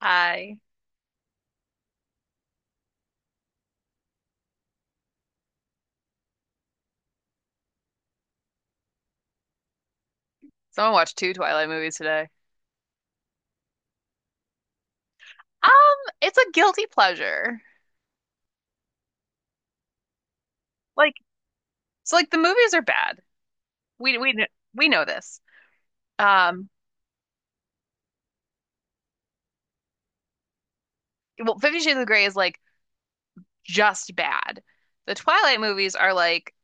Hi. Someone watched two Twilight movies today. Um, it's a guilty pleasure. Like, so like the movies are bad. We we kn- we know this. Um, well, Fifty Shades of Grey is like just bad. The Twilight movies are like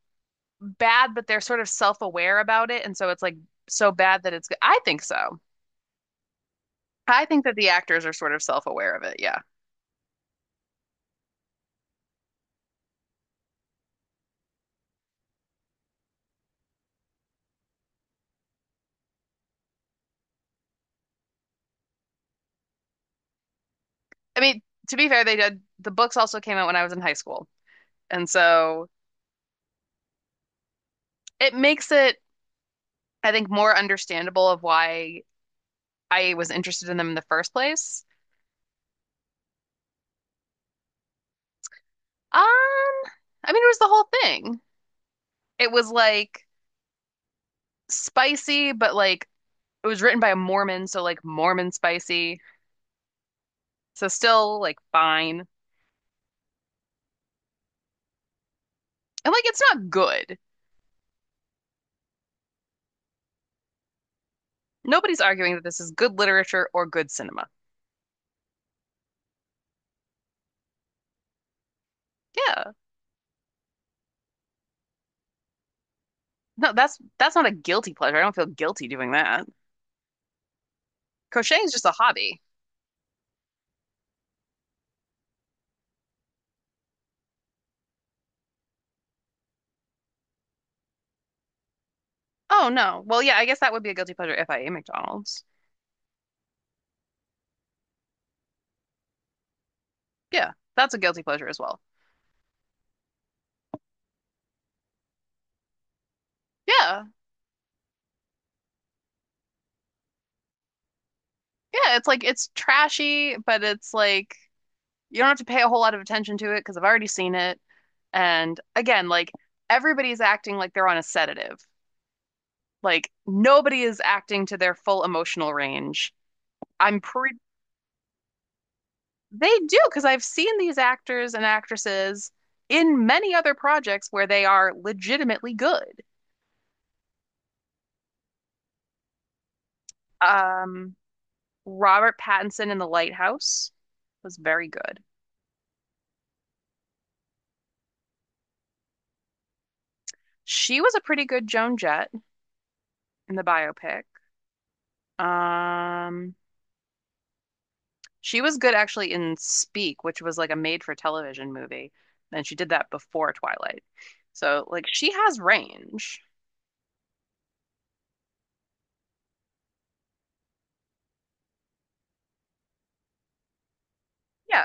bad, but they're sort of self-aware about it, and so it's like so bad that it's good. I think so. I think that the actors are sort of self-aware of it. Yeah. I mean, to be fair, they did. The books also came out when I was in high school, and so it makes it, I think, more understandable of why I was interested in them in the first place. Um, I mean, it was the whole thing. It was like spicy, but like it was written by a Mormon, so like Mormon spicy. So still like fine. And like it's not good. Nobody's arguing that this is good literature or good cinema. Yeah. No, that's not a guilty pleasure. I don't feel guilty doing that. Crocheting is just a hobby. Oh no. Well, yeah, I guess that would be a guilty pleasure if I ate McDonald's. Yeah, that's a guilty pleasure as well. Yeah. Yeah, it's like it's trashy, but it's like you don't have to pay a whole lot of attention to it because I've already seen it. And again, like everybody's acting like they're on a sedative. Like nobody is acting to their full emotional range. I'm pretty they do because I've seen these actors and actresses in many other projects where they are legitimately good. Um, Robert Pattinson in The Lighthouse was very good. She was a pretty good Joan Jett in the biopic. Um, She was good actually in Speak, which was like a made-for-television movie, and she did that before Twilight. So like she has range. Yeah,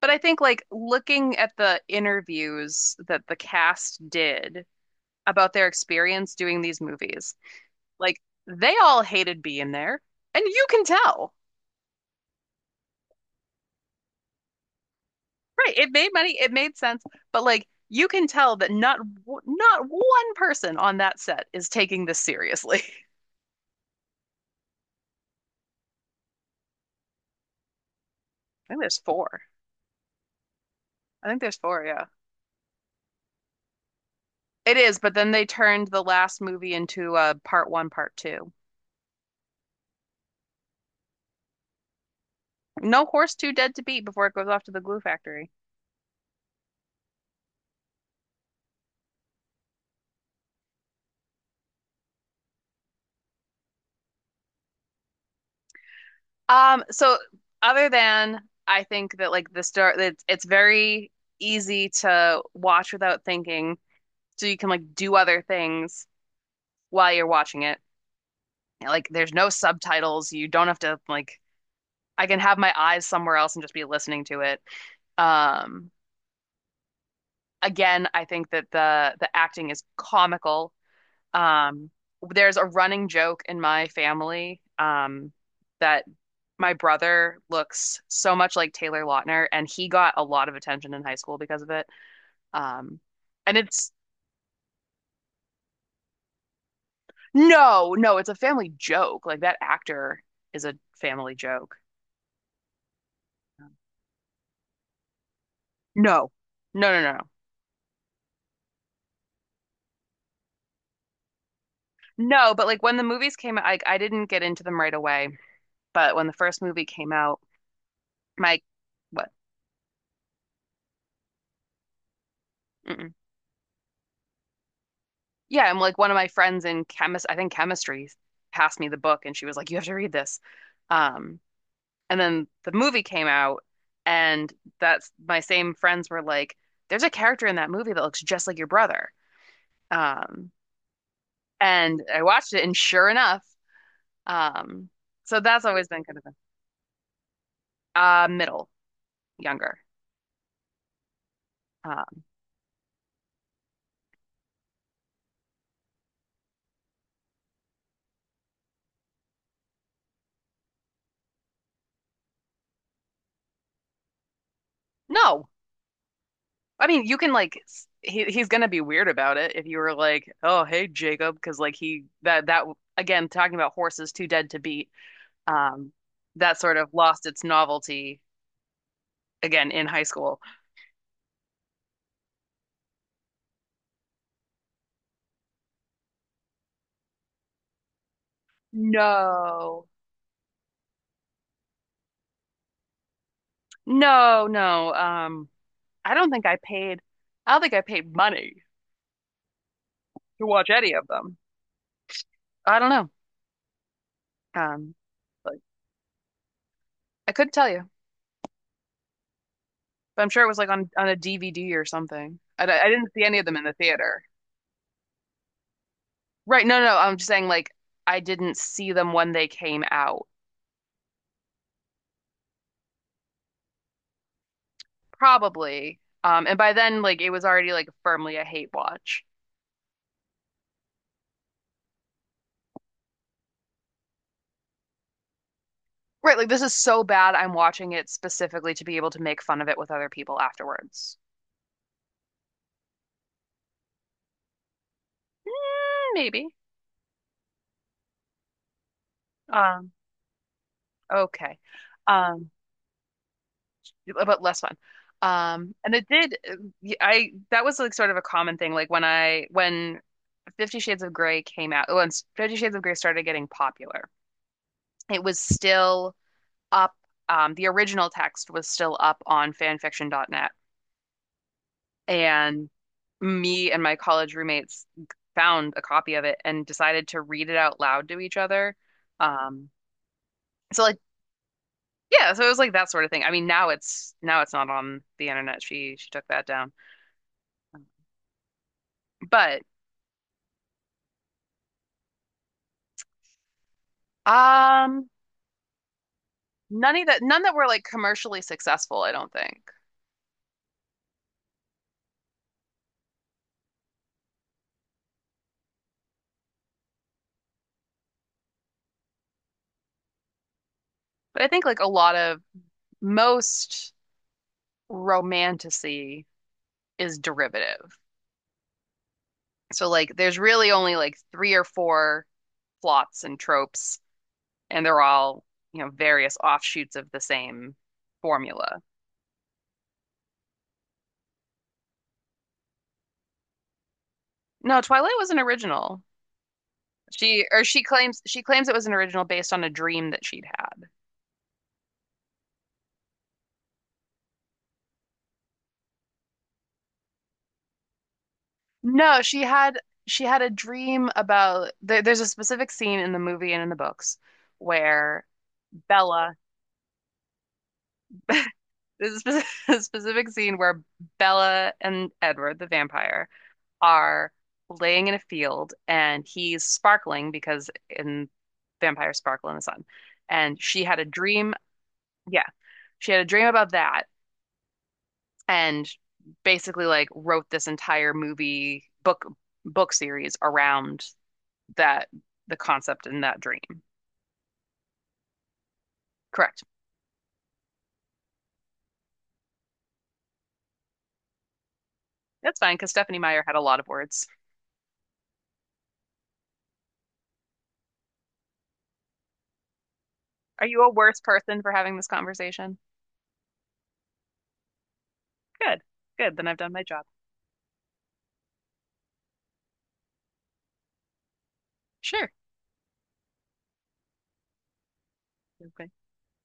but I think like looking at the interviews that the cast did about their experience doing these movies, like they all hated being there, and you can tell. Right, it made money, it made sense, but like you can tell that not not one person on that set is taking this seriously. I think there's four. I think there's four, yeah. It is, but then they turned the last movie into part one, part two. No horse too dead to beat before it goes off to the glue factory. So other than I think that like the start, it's very easy to watch without thinking, so you can like do other things while you're watching it. Like there's no subtitles, you don't have to like I can have my eyes somewhere else and just be listening to it. Um, Again, I think that the acting is comical. Um, there's a running joke in my family, that my brother looks so much like Taylor Lautner, and he got a lot of attention in high school because of it. Um, and it's no, no, it's a family joke. Like that actor is a family joke. No, no, no, no, no. No, but like when the movies came out, I didn't get into them right away. But when the first movie came out, my what? Mm-mm. Yeah, I'm like one of my friends in I think chemistry passed me the book and she was like, "You have to read this." Um, and then the movie came out and that's my same friends were like, "There's a character in that movie that looks just like your brother." Um, and I watched it and sure enough, um, so that's always been kind of a middle, younger. Um, no, I mean, you can like he he's gonna be weird about it if you were like, "Oh, hey, Jacob," because like he that again talking about horses too dead to beat. Um, that sort of lost its novelty again in high school. No, no, no. I don't think I paid. I don't think I paid money to watch any of them. I don't know. Um, like I couldn't tell you, but I'm sure it was like on a DVD or something. I didn't see any of them in the theater. Right. No, no, no. I'm just saying like I didn't see them when they came out. Probably. And by then like it was already like firmly a hate watch. Right, like this is so bad I'm watching it specifically to be able to make fun of it with other people afterwards. Mm, maybe. Um, okay. Um, but less fun. And it did I that was like sort of a common thing like when Fifty Shades of Grey came out, when Fifty Shades of Grey started getting popular, it was still up. The original text was still up on fanfiction.net, and me and my college roommates found a copy of it and decided to read it out loud to each other. Um, so yeah, so it was like that sort of thing. I mean, now it's not on the internet. She took that down. But um none of that none that were like commercially successful, I don't think. But I think like a lot of most romanticy is derivative. So like there's really only like three or four plots and tropes, and they're all, you know, various offshoots of the same formula. No, Twilight was an original. She claims she claims it was an original based on a dream that she'd had. No, she had a dream about there's a specific scene in the movie and in the books where Bella there's a specific, a specific scene where Bella and Edward, the vampire, are laying in a field and he's sparkling because in vampires sparkle in the sun. And she had a dream. Yeah, she had a dream about that and basically like wrote this entire movie book book series around that the concept in that dream. Correct. That's fine because Stephanie Meyer had a lot of words. Are you a worse person for having this conversation? Good. Good. Then I've done my job. Sure.